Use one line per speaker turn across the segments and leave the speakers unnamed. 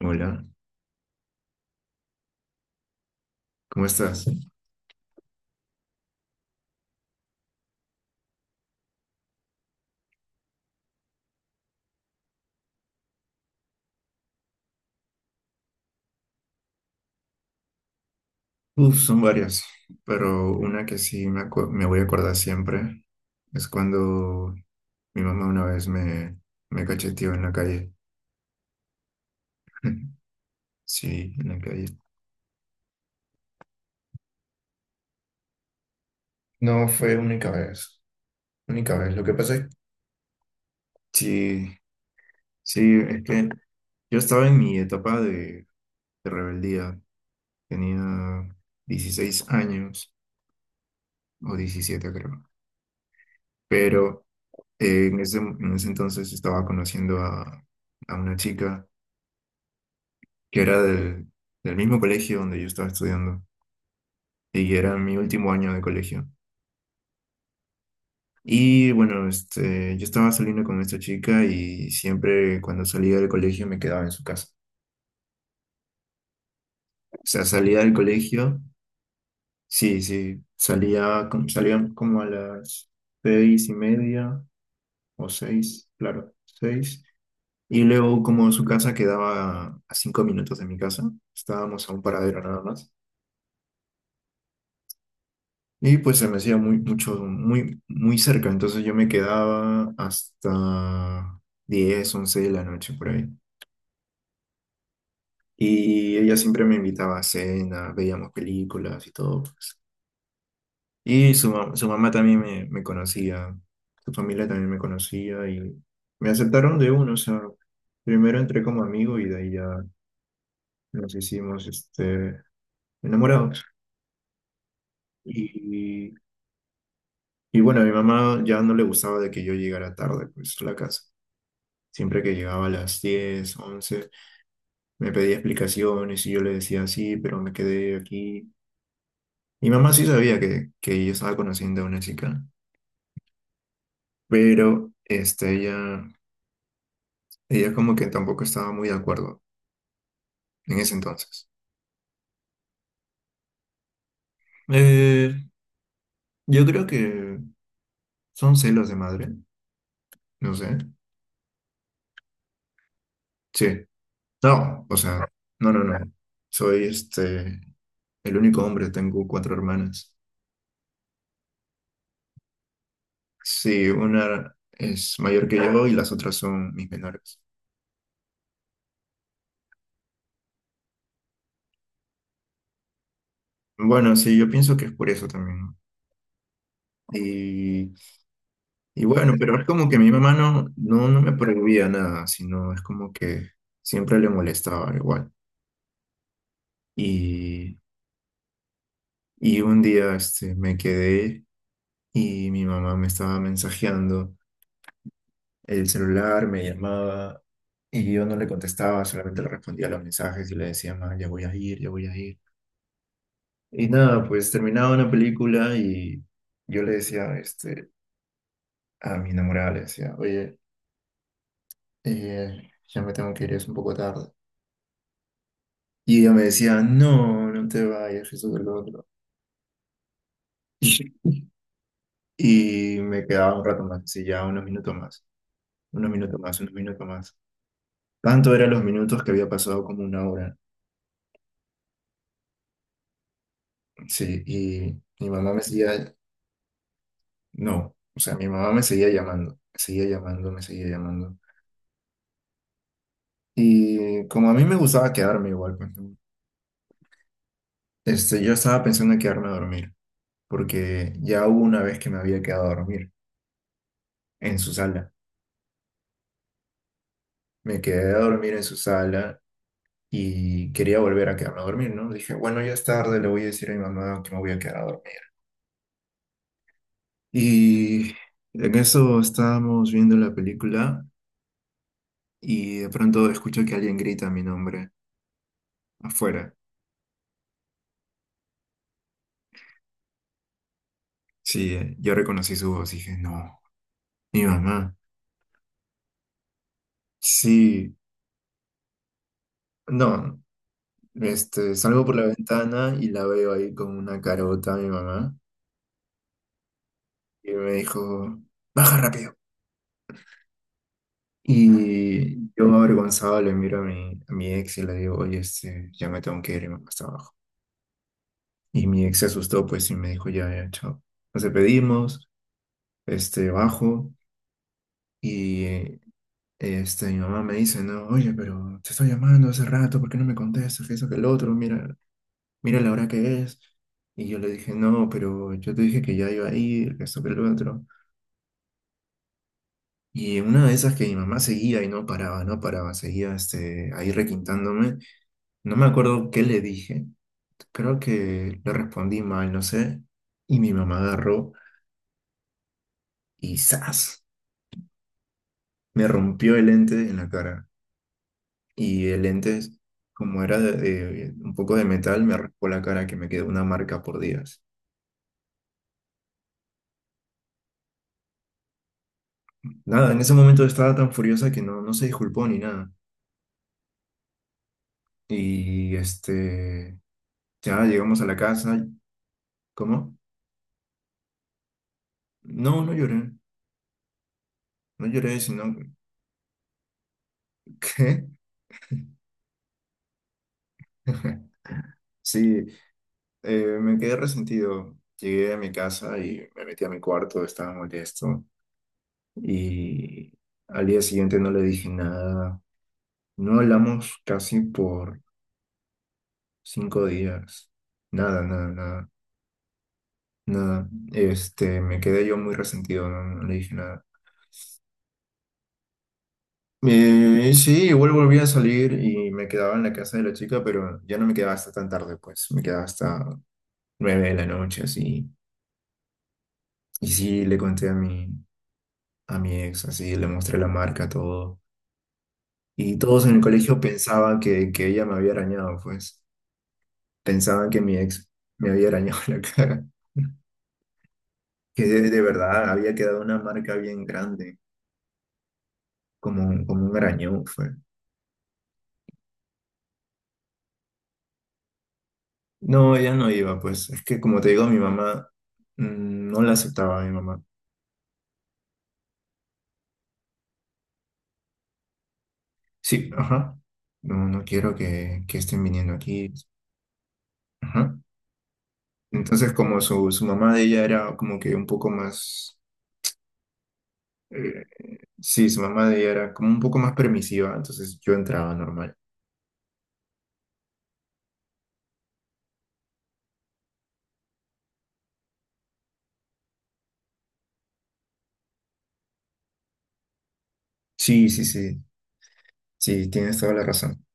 Hola, ¿cómo estás? Uf, son varias, pero una que sí me voy a acordar siempre es cuando mi mamá una vez me cacheteó en la calle. Sí, en la calle. No fue única vez, única vez. Lo que pasa es. Sí, sí, es que yo estaba en mi etapa de rebeldía. Tenía 16 años o 17 creo. Pero en ese entonces estaba conociendo a una chica que era del mismo colegio donde yo estaba estudiando y era mi último año de colegio. Y bueno, este, yo estaba saliendo con esta chica y siempre cuando salía del colegio me quedaba en su casa. O sea, salía del colegio, sí, sí, salía, salía como a las 6:30 o seis, claro, seis. Y luego como su casa quedaba a 5 minutos de mi casa, estábamos a un paradero nada más. Y pues se me hacía muy, mucho, muy, muy cerca, entonces yo me quedaba hasta 10 11 de la noche por ahí. Y ella siempre me invitaba a cena, veíamos películas y todo, pues. Y su mamá también me conocía, su familia también me conocía y me aceptaron de uno, o sea, primero entré como amigo y de ahí ya nos hicimos este, enamorados. Y, y bueno, a mi mamá ya no le gustaba de que yo llegara tarde, pues, a la casa. Siempre que llegaba a las 10 11 me pedía explicaciones y yo le decía sí, pero me quedé aquí. Mi mamá sí sabía que yo estaba conociendo a una chica, pero este, ella como que tampoco estaba muy de acuerdo en ese entonces. Eh, yo creo que son celos de madre, no sé. Sí, no, o sea, no, no, no. Soy este, el único hombre, tengo cuatro hermanas. Sí, una es mayor que yo y las otras son mis menores. Bueno, sí, yo pienso que es por eso también, ¿no? Y, y bueno, pero es como que mi mamá no, no, no me prohibía nada, sino es como que siempre le molestaba igual. Y, y un día este, me quedé y mi mamá me estaba mensajeando el celular, me llamaba y yo no le contestaba, solamente le respondía a los mensajes y le decía, ma, ya voy a ir, ya voy a ir. Y nada, pues terminaba una película y yo le decía este, a mi enamorada, le decía, oye, ya me tengo que ir, es un poco tarde. Y ella me decía, no, no te vayas, eso que lo otro. Y me quedaba un rato más, sí, ya unos minutos más, unos minutos más, unos minutos más. Tanto eran los minutos que había pasado como una hora. Sí, y mi mamá me seguía, no, o sea, mi mamá me seguía llamando, me seguía llamando, me seguía llamando. Y como a mí me gustaba quedarme igual, pues, ¿no? Este, yo estaba pensando en quedarme a dormir, porque ya hubo una vez que me había quedado a dormir en su sala. Me quedé a dormir en su sala y quería volver a quedarme a dormir, ¿no? Dije, bueno, ya es tarde, le voy a decir a mi mamá que me voy a quedar a dormir. Y en eso estábamos viendo la película y de pronto escucho que alguien grita mi nombre afuera. Sí, yo reconocí su voz, dije, no, mi mamá. Sí, no, este, salgo por la ventana y la veo ahí con una carota a mi mamá y me dijo, baja rápido. Y yo avergonzado le miro a mi ex y le digo, oye, este, ya me tengo que ir me más abajo. Y mi ex se asustó, pues, y me dijo, ya, ya, chao. Nos despedimos, este, bajo, y este, mi mamá me dice, no, oye, pero te estoy llamando hace rato, ¿por qué no me contestas? Que eso, que el otro, mira, mira la hora que es. Y yo le dije, no, pero yo te dije que ya iba a ir, que esto, que el otro. Y en una de esas que mi mamá seguía y no paraba, no paraba, seguía, este, ahí requintándome. No me acuerdo qué le dije, creo que le respondí mal, no sé, y mi mamá agarró y ¡zas! Me rompió el lente en la cara. Y el lente, como era un poco de metal, me raspó la cara que me quedó una marca por días. Nada, en ese momento estaba tan furiosa que no, no se disculpó ni nada. Y este, ya llegamos a la casa. ¿Cómo? No, no lloré, no lloré, sino ¿Qué? Sí. Me quedé resentido. Llegué a mi casa y me metí a mi cuarto, estaba molesto. Y al día siguiente no le dije nada. No hablamos casi por 5 días. Nada, nada, nada, nada. Este, me quedé yo muy resentido, no, no le dije nada. Sí, igual volví a salir y me quedaba en la casa de la chica, pero ya no me quedaba hasta tan tarde, pues. Me quedaba hasta 9 de la noche, así. Y sí, le conté a mi ex, así, le mostré la marca, todo. Y todos en el colegio pensaban que ella me había arañado, pues. Pensaban que mi ex me había arañado la cara. Que de verdad había quedado una marca bien grande, como, como un arañón fue. No, ella no iba, pues. Es que como te digo, mi mamá no la aceptaba, mi mamá. Sí, ajá. No, no quiero que estén viniendo aquí. Ajá. Entonces, como su mamá de ella era como que un poco más. eh, sí, su mamá de ella era como un poco más permisiva, entonces yo entraba normal. Sí, sí, sí, sí, tienes toda la razón.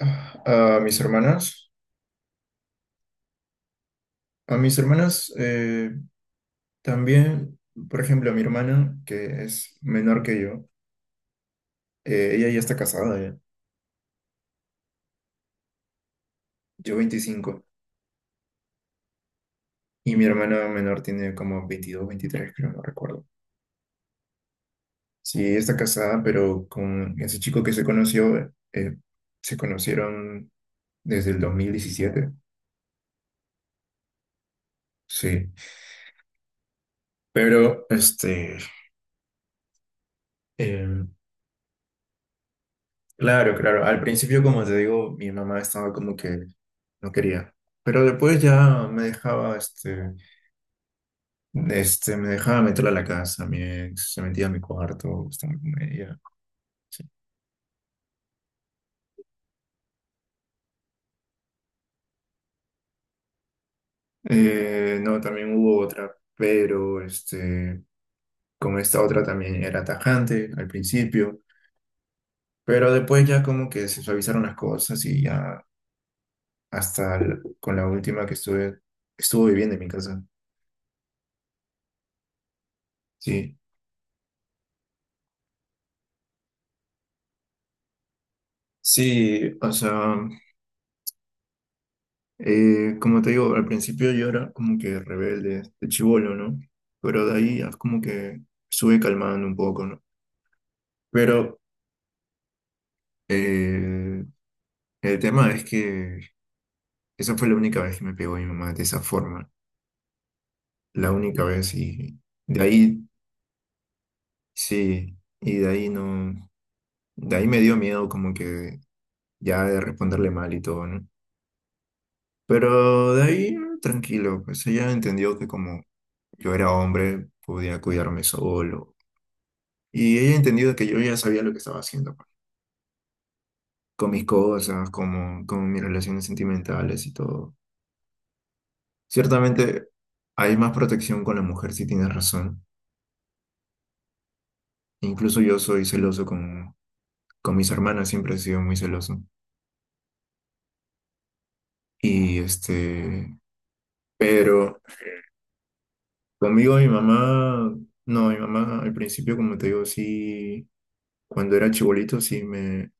Ah, a mis hermanas, también, por ejemplo, a mi hermana, que es menor que yo, ella ya está casada, ya. Yo 25 y mi hermana menor tiene como 22, 23 creo, no recuerdo. Sí, ella está casada, pero con ese chico que se conoció, se conocieron desde el 2017. Sí. Pero, este, em, claro, claro. Al principio, como te digo, mi mamá estaba como que no quería. Pero después ya me dejaba, este, me dejaba meterla a la casa, mi ex se metía a mi cuarto, estaba con ella. Sí. No, también hubo otra, pero este, con esta otra también era tajante al principio. Pero después ya como que se suavizaron las cosas y ya hasta con la última que estuve, estuvo viviendo en mi casa. Sí. Sí, o sea. Como te digo, al principio yo era como que rebelde, de chibolo, ¿no? Pero de ahí es como que sube calmando un poco, ¿no? Pero eh, el tema es que esa fue la única vez que me pegó mi mamá de esa forma, la única vez y de ahí sí, y de ahí no, de ahí me dio miedo como que ya de responderle mal y todo, ¿no? Pero de ahí tranquilo, pues ella entendió que como yo era hombre, podía cuidarme solo. Y ella entendido que yo ya sabía lo que estaba haciendo, pues, con mis cosas, como, con mis relaciones sentimentales y todo. Ciertamente hay más protección con la mujer, si tienes razón. Incluso yo soy celoso con mis hermanas, siempre he sido muy celoso. Y este, pero conmigo mi mamá, no, mi mamá al principio, como te digo, sí, cuando era chibolito sí me,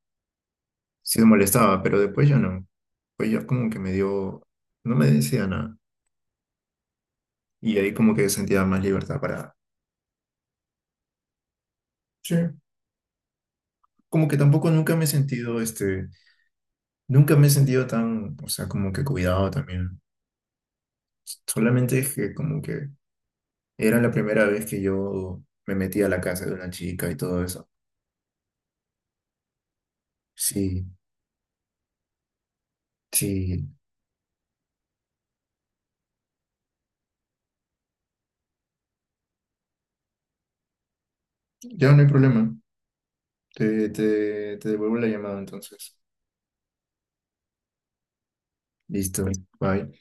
sí me molestaba, pero después ya no. Pues ya como que me dio, no me decía nada. Y ahí como que sentía más libertad para. Sí, como que tampoco nunca me he sentido tan, o sea, como que cuidado también. Solamente es que como que era la primera vez que yo me metí a la casa de una chica y todo eso. Sí, sí. Ya no hay problema. Te devuelvo la llamada entonces. Listo. Bye.